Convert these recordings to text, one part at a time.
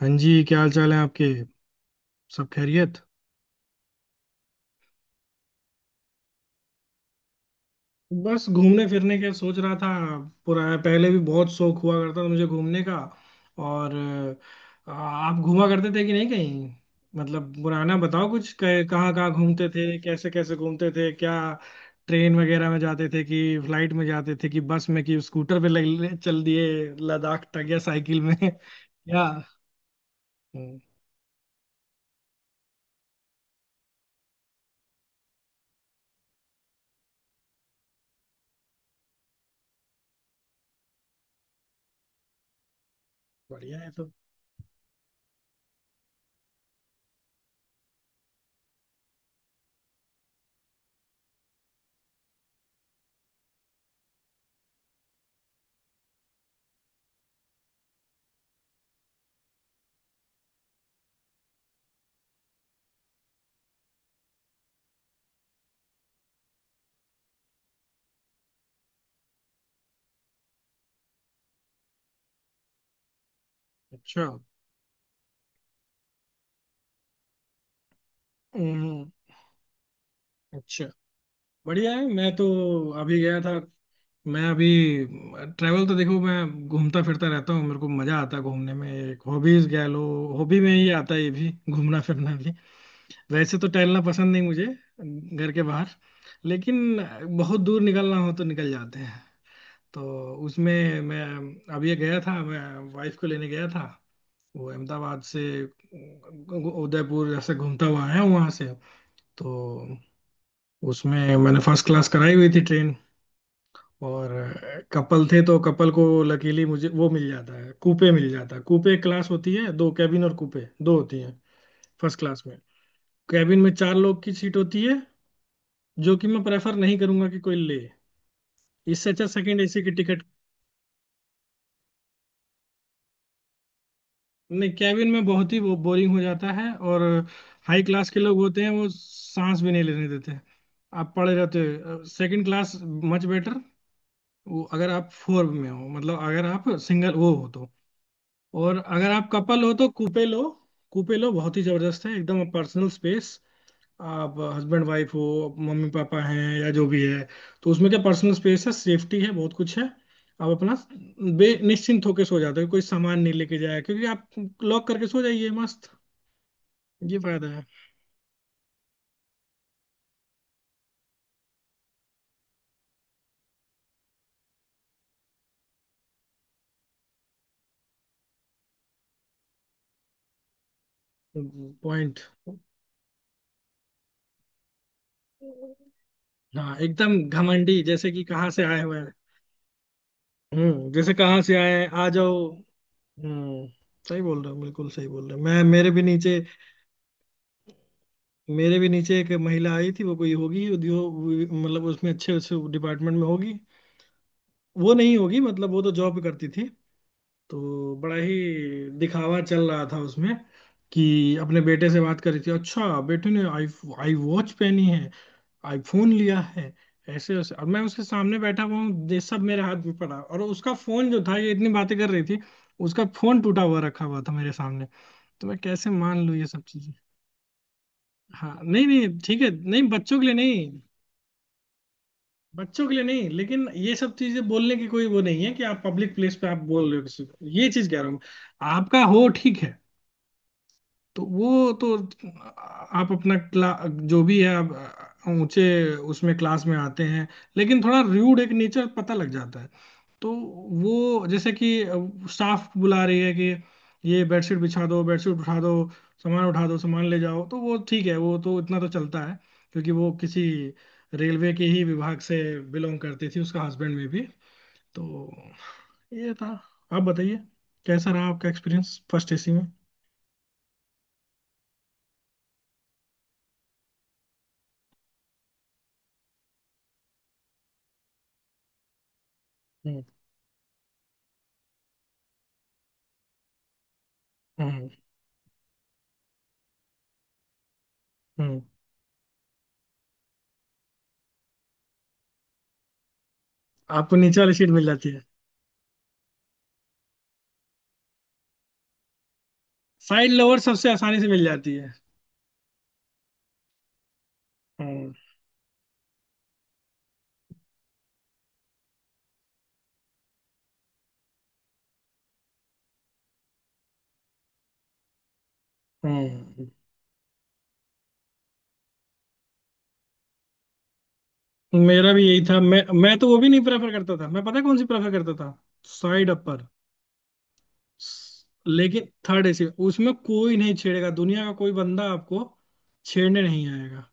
हाँ जी क्या हाल चाल है आपके। सब खैरियत? बस घूमने फिरने के सोच रहा था। पुरा पहले भी बहुत शौक हुआ करता था मुझे घूमने का। और आप घूमा करते थे कि नहीं कहीं? मतलब पुराना बताओ कुछ कहाँ कहाँ घूमते थे, कैसे कैसे घूमते थे क्या? ट्रेन वगैरह में जाते थे कि फ्लाइट में जाते थे कि बस में कि स्कूटर पे चल दिए लद्दाख तक या साइकिल में या हम्म, बढ़िया है तो। अच्छा। हम्म। अच्छा। बढ़िया है। मैं तो अभी गया था। मैं अभी ट्रैवल, तो देखो मैं घूमता फिरता रहता हूँ, मेरे को मजा आता है घूमने में, एक हॉबीज कह लो। हॉबी में ही आता है ये भी घूमना फिरना भी। वैसे तो टहलना पसंद नहीं मुझे घर के बाहर, लेकिन बहुत दूर निकलना हो तो निकल जाते हैं। तो उसमें मैं अभी गया था। मैं वाइफ को लेने गया था। वो अहमदाबाद से उदयपुर जैसे घूमता हुआ आया वहां से। तो उसमें मैंने फर्स्ट क्लास कराई हुई थी ट्रेन। और कपल थे तो कपल को लकीली मुझे वो मिल जाता है, कूपे मिल जाता है। कूपे एक क्लास होती है, दो कैबिन और कूपे दो होती हैं फर्स्ट क्लास में। कैबिन में चार लोग की सीट होती है, जो कि मैं प्रेफर नहीं करूंगा कि कोई ले। इससे अच्छा सेकंड एसी की टिकट। नहीं, कैबिन में बहुत ही वो बोरिंग हो जाता है। और हाई क्लास के लोग होते हैं, वो सांस भी नहीं लेने देते। आप पड़े रहते हो। Second class much better. वो अगर आप फोर में हो, मतलब अगर आप सिंगल वो हो तो। और अगर आप कपल हो तो कूपे लो बहुत ही जबरदस्त है, एकदम पर्सनल स्पेस। आप हस्बैंड वाइफ हो, मम्मी पापा हैं, या जो भी है। तो उसमें क्या पर्सनल स्पेस है, सेफ्टी है, बहुत कुछ है। आप अपना बे निश्चिंत होकर सो जाते हो, कोई सामान नहीं लेके जाए, क्योंकि आप लॉक करके सो जाइए मस्त। ये फायदा है। पॉइंट। हाँ, एकदम घमंडी जैसे कि कहाँ से आए हुए हैं। हम्म, जैसे कहाँ से आए हैं आ जाओ। हम्म। सही बोल रहे हो, बिल्कुल सही बोल रहे हो। मैं मेरे भी नीचे एक महिला आई थी। वो कोई होगी उद्योग, मतलब उसमें अच्छे उस डिपार्टमेंट में होगी। वो नहीं होगी, मतलब वो तो जॉब करती थी। तो बड़ा ही दिखावा चल रहा था उसमें। कि अपने बेटे से बात कर रही थी, अच्छा बेटे ने आई आई वॉच पहनी है, आईफोन लिया है, ऐसे ऐसे। अब मैं उसके सामने बैठा हुआ हूँ, ये सब मेरे हाथ में पड़ा, और उसका फोन जो था, ये इतनी बातें कर रही थी, उसका फोन टूटा हुआ रखा हुआ था मेरे सामने। तो मैं कैसे मान लूँ ये सब चीजें। हाँ नहीं नहीं, ठीक है। नहीं बच्चों के लिए नहीं, बच्चों के लिए नहीं, लेकिन ये सब चीजें बोलने की कोई वो नहीं है कि आप पब्लिक प्लेस पे आप बोल रहे हो किसी को, ये चीज कह रहा हूँ आपका, हो ठीक है। तो वो तो आप अपना क्ला जो भी है आप ऊंचे उसमें क्लास में आते हैं, लेकिन थोड़ा र्यूड एक नेचर पता लग जाता है। तो वो जैसे कि स्टाफ बुला रही है कि ये बेडशीट बिछा दो, बेडशीट उठा दो, सामान उठा दो, सामान ले जाओ, तो वो ठीक है, वो तो इतना तो चलता है। क्योंकि वो किसी रेलवे के ही विभाग से बिलोंग करती थी, उसका हस्बैंड में भी। तो ये था। आप बताइए, कैसा रहा आपका एक्सपीरियंस फर्स्ट एसी में। हम्म। हम्म। हम्म। आपको नीचे वाली सीट मिल जाती है। साइड लोअर सबसे आसानी से मिल जाती है। हम्म। हम्म। मेरा भी यही था। मैं तो वो भी नहीं प्रेफर करता था। मैं पता है कौन सी प्रेफर करता था? Side upper. लेकिन थर्ड एसी, उसमें कोई नहीं छेड़ेगा, दुनिया का कोई बंदा आपको छेड़ने नहीं आएगा।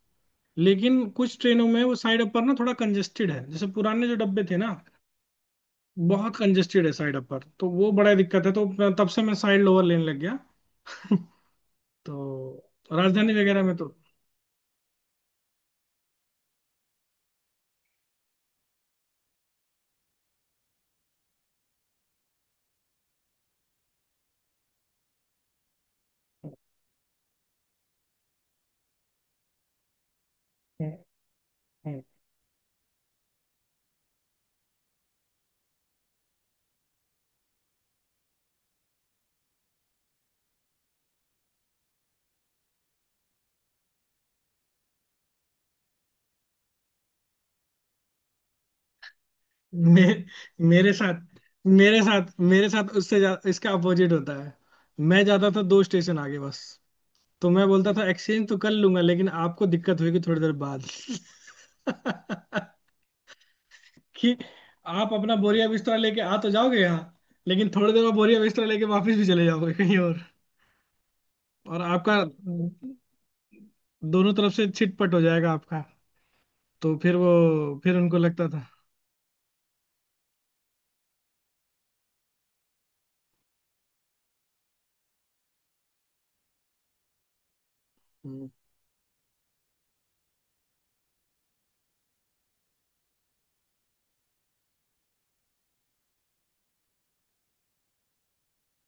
लेकिन कुछ ट्रेनों में वो साइड अपर ना थोड़ा कंजेस्टेड है, जैसे पुराने जो डब्बे थे ना, बहुत कंजेस्टेड है साइड अपर, तो वो बड़ा दिक्कत है। तो तब से मैं साइड लोअर लेने लग गया तो राजधानी वगैरह में तो मे, मेरे साथ मेरे साथ इसका अपोजिट होता है। मैं जाता था दो स्टेशन आगे बस। तो मैं बोलता था एक्सचेंज तो कर लूंगा, लेकिन आपको दिक्कत होगी थोड़ी देर बाद कि आप अपना बोरिया बिस्तरा लेके आ तो जाओगे यहाँ, लेकिन थोड़ी देर बाद बोरिया बिस्तरा लेके वापस भी चले जाओगे कहीं और। और आपका दोनों तरफ से छिटपट हो जाएगा आपका। तो फिर वो, फिर उनको लगता था। हम्म।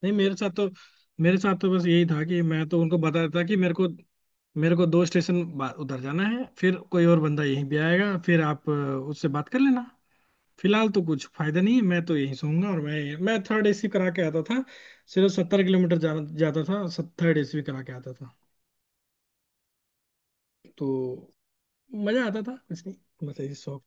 नहीं मेरे साथ तो, बस यही था कि मैं तो उनको बता देता कि मेरे को दो स्टेशन उधर जाना है, फिर कोई और बंदा यहीं भी आएगा, फिर आप उससे बात कर लेना। फिलहाल तो कुछ फायदा नहीं है, मैं तो यहीं सोऊंगा। और मैं थर्ड एसी करा के आता था। सिर्फ 70 किलोमीटर जाता था, थर्ड एसी भी करा के आता था। तो मजा आता था कुछ नहीं, बस ऐसी शौक।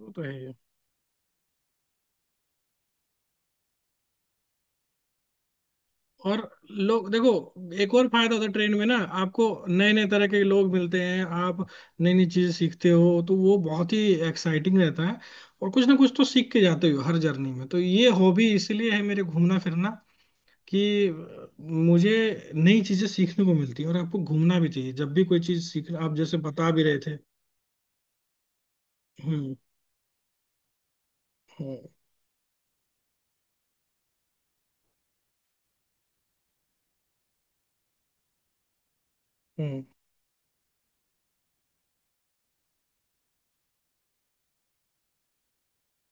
वो तो है। और लोग देखो, एक और फायदा होता है ट्रेन में ना, आपको नए नए तरह के लोग मिलते हैं, आप नई नई चीजें सीखते हो, तो वो बहुत ही एक्साइटिंग रहता है। और कुछ ना कुछ तो सीख के जाते हो हर जर्नी में। तो ये हॉबी इसलिए है मेरे घूमना फिरना, कि मुझे नई चीजें सीखने को मिलती है। और आपको घूमना भी चाहिए, जब भी कोई चीज सीख, आप जैसे बता भी रहे थे। हम्म। हम्म। हम्म।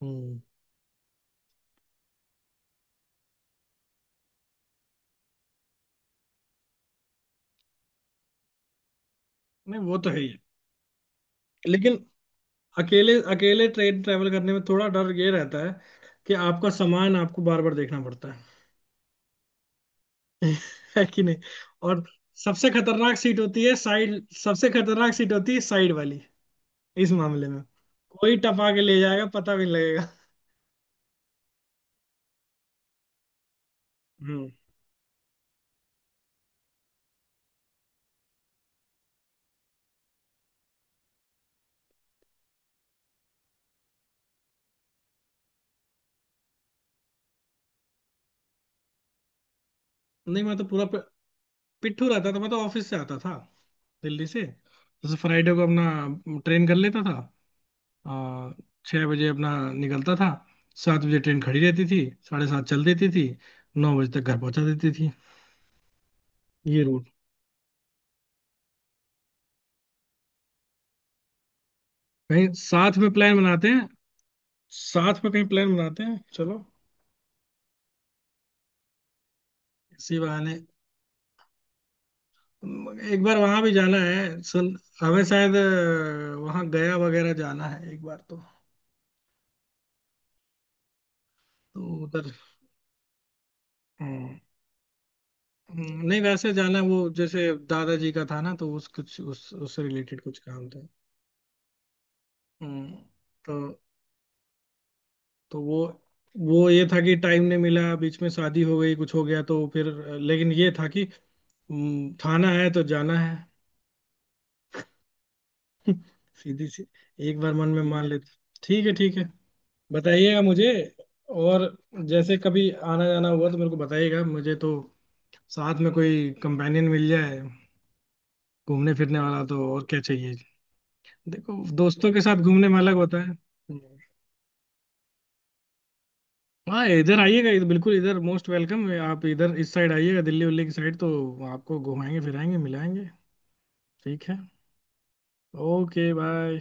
हम्म। नहीं वो तो है ही। लेकिन अकेले अकेले ट्रेन ट्रैवल करने में थोड़ा डर ये रहता है कि आपका सामान आपको बार बार देखना पड़ता है है कि नहीं? और सबसे खतरनाक सीट होती है साइड, सबसे खतरनाक सीट होती है साइड वाली इस मामले में। कोई टपा के ले जाएगा, पता भी नहीं लगेगा। हम्म। नहीं मैं तो पूरा पिट्ठू रहता था। मैं तो ऑफिस से आता था दिल्ली से, जैसे फ्राइडे को अपना ट्रेन कर लेता था। और 6 बजे अपना निकलता था, 7 बजे ट्रेन खड़ी रहती थी, 7:30 चल देती थी, 9 बजे तक घर पहुंचा देती थी। ये रूल, कहीं साथ में प्लान बनाते हैं, साथ में कहीं प्लान बनाते हैं चलो, इसी बहाने। एक बार वहां भी जाना है सल, हमें शायद वहां गया वगैरह जाना है एक बार तो। तो उधर, हम्म, नहीं वैसे जाना है वो, जैसे दादाजी का था ना, तो उस कुछ उस उससे रिलेटेड कुछ काम था। हम्म। तो तो वो ये था कि टाइम नहीं मिला, बीच में शादी हो गई, कुछ हो गया, तो फिर, लेकिन ये था कि थाना है तो जाना है। सीधी सी, एक बार मन में मान लेते। ठीक है, ठीक है। बताइएगा मुझे। और जैसे कभी आना जाना हुआ तो मेरे को बताइएगा, मुझे तो साथ में कोई कंपेनियन मिल जाए घूमने फिरने वाला तो और क्या चाहिए। देखो दोस्तों के साथ घूमने में अलग होता है। हम्म। हाँ इधर आइएगा, इधर बिल्कुल, इधर मोस्ट वेलकम है। आप इधर इस साइड आइएगा दिल्ली उल्ली की साइड, तो आपको घुमाएंगे फिराएंगे मिलाएंगे। ठीक है। Okay bye.